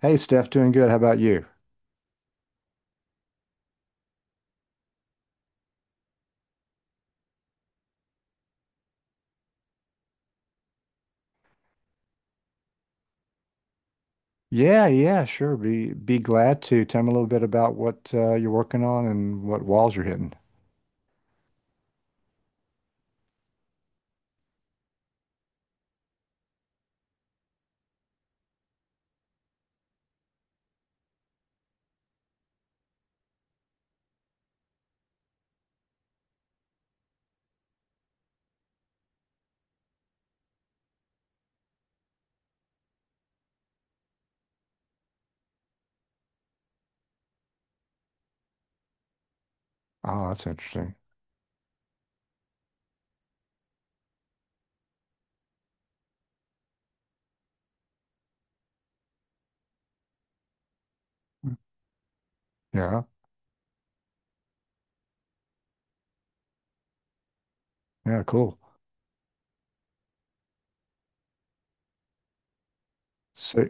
Hey Steph, doing good. How about you? Yeah, yeah, sure. Be glad to. Tell me a little bit about what you're working on and what walls you're hitting. Oh, that's interesting. Mm. Yeah, yeah, cool. So,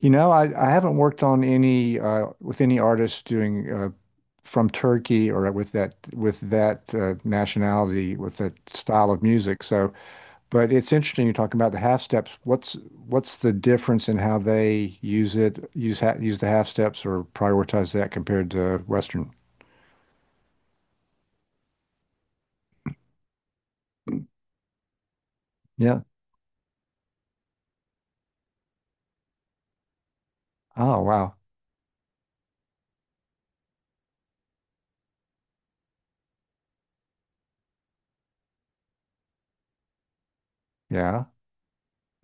I haven't worked on any with any artists doing from Turkey or with that nationality with that style of music. So. But it's interesting you're talking about the half steps. What's the difference in how they use it, use ha use the half steps or prioritize that compared to Western? Yeah. Oh, wow. Yeah.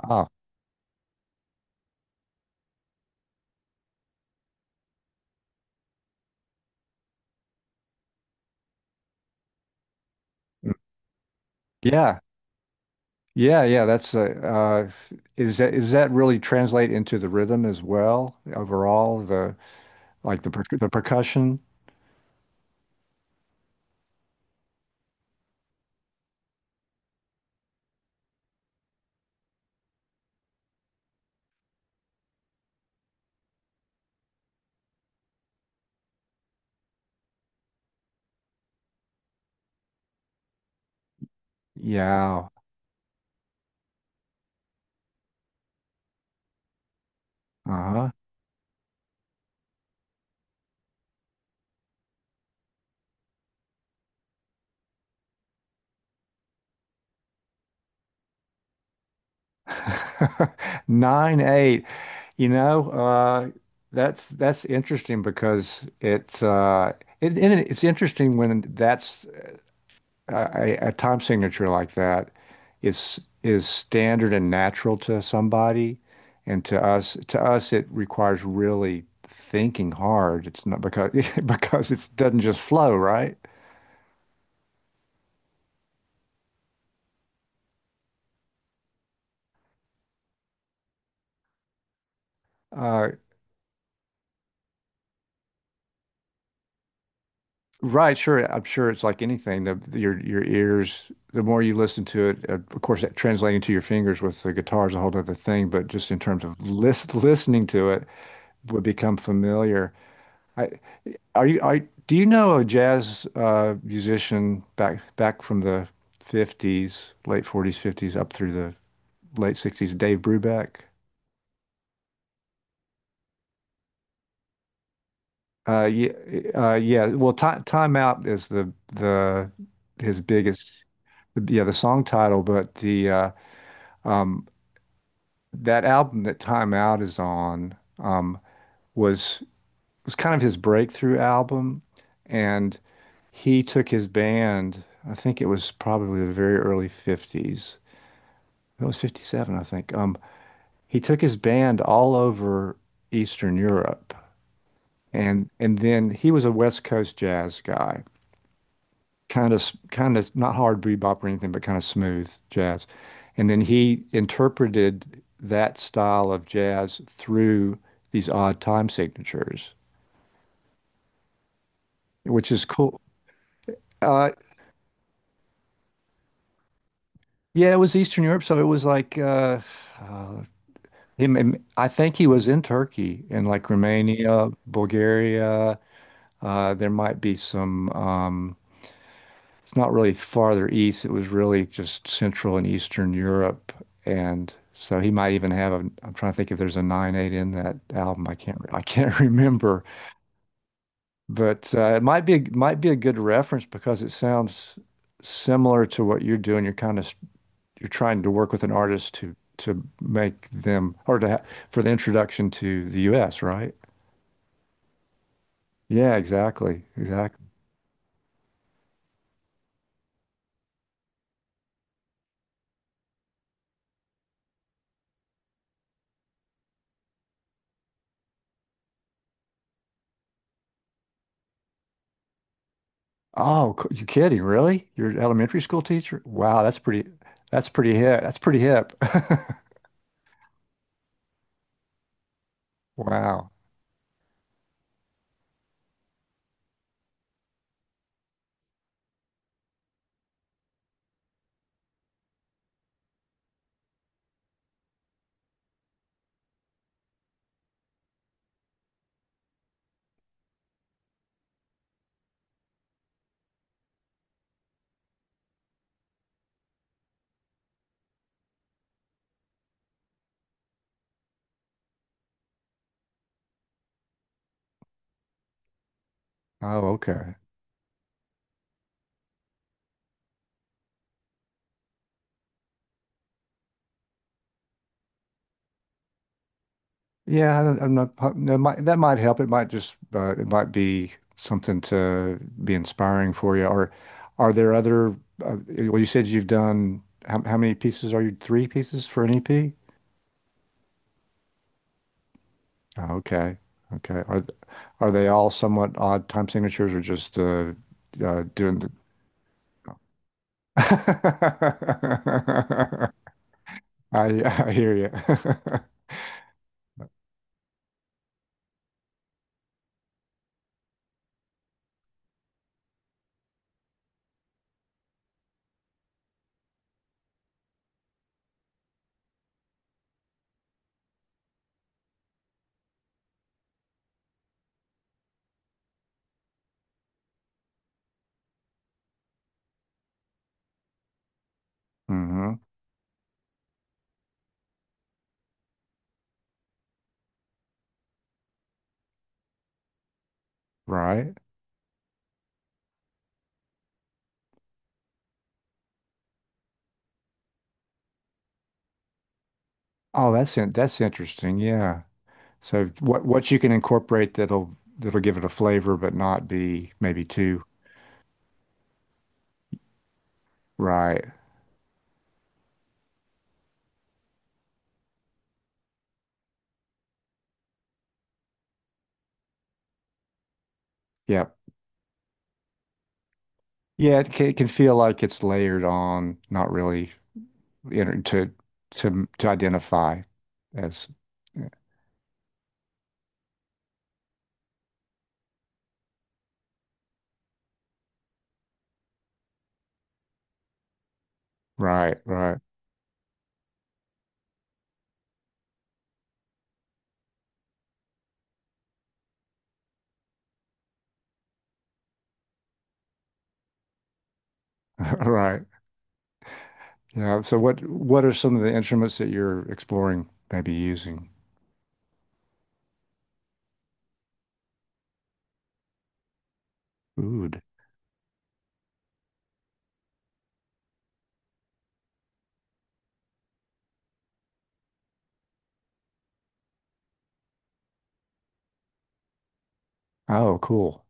Oh, mm. Yeah. Yeah, yeah. That's Is that really translate into the rhythm as well overall, the like the percussion? Yeah. Uh-huh. 9/8. You know, uh, that's interesting because it's it, and it- it's interesting when that's a time signature like that is standard and natural to somebody, and to us it requires really thinking hard. It's not because because it doesn't just flow, right? Uh, Right, sure. I'm sure it's like anything. Your ears, the more you listen to it, of course, that translating to your fingers with the guitar is a whole other thing. But just in terms of listening to it, would become familiar. I are you I do you know a jazz musician back from the 50s, late 40s, 50s, up through the late 60s, Dave Brubeck? Yeah, yeah. Well, Time Out is the his biggest, yeah, the song title, but the Um, that album that Time Out is on was was kind of his breakthrough album, and he took his band. I think it was probably the very early 50s. It was 57, I think. He took his band all over Eastern Europe, and then he was a West Coast jazz guy, kind of not hard bebop or anything, but kind of smooth jazz. And then he interpreted that style of jazz through these odd time signatures, which is cool. Uh, yeah, it was Eastern Europe, so it was like uh, I think he was in Turkey and like Romania, Bulgaria. There might be some. It's not really farther east. It was really just Central and Eastern Europe. And so he might even have a, I'm trying to think if there's a 9/8 in that album. I can't remember, but it might be a good reference because it sounds similar to what you're doing. You're trying to work with an artist to make them, or to, ha for the introduction to the US, right? Yeah, exactly. Exactly. Oh, you kidding? Really? You're an elementary school teacher? Wow, That's pretty hip. That's pretty hip. Wow. Oh, okay. Yeah, I don't, I'm not. That might help. It might just. It might be something to be inspiring for you. Or are there other? Uh, well, you said you've done. How many pieces are you? Three pieces for an EP? Oh, okay. Okay. Are are they all somewhat odd time signatures, or just doing the? I I hear you. Hmm. Right. Oh, that's interesting. Yeah. So what you can incorporate that'll give it a flavor, but not be maybe too right. Yep. Yeah. It can feel like it's layered on, not really inter to to identify as yeah, right. Right. Right. Yeah. So what are some of the instruments that you're exploring, maybe using? Oud. Oh, cool.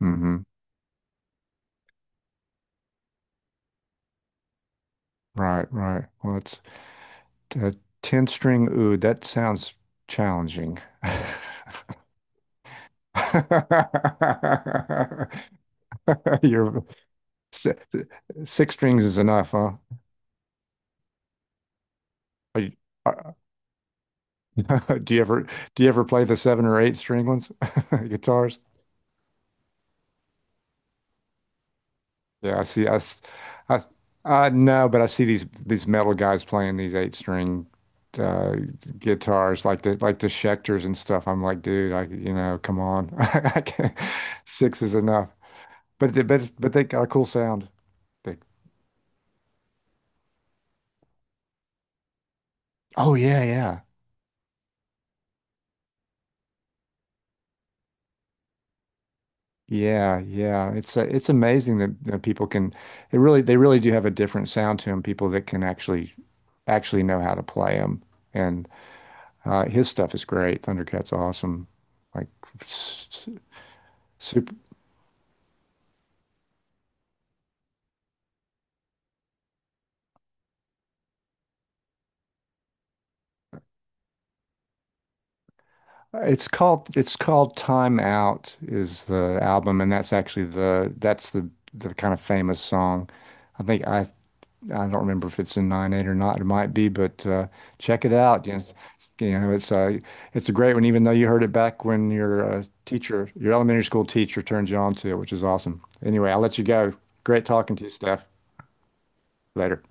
Hmm. Right. Right. Well, that's Uh, 10 string oud, that sounds challenging. You're si- Six strings is enough, huh? Are you, uh, do you ever do you ever play the seven or eight string ones guitars? Yeah, I see. I, s- I, s- I No, but I see these metal guys playing these eight string uh, guitars, like the Schecters and stuff. I'm like, dude, come on, I can't, six is enough. But they got a cool sound. They, oh yeah, yeah. Yeah, yeah. It's amazing that people can it really they really do have a different sound to them, people that can actually know how to play them. And his stuff is great. Thundercat's awesome. Like s- s- super. It's called Time Out is the album and that's actually the that's the kind of famous song. I think I don't remember if it's in 9/8 or not. It might be, but check it out. It's, you know, it's a great one, even though you heard it back when your elementary school teacher, turned you on to it, which is awesome. Anyway, I'll let you go. Great talking to you, Steph. Later.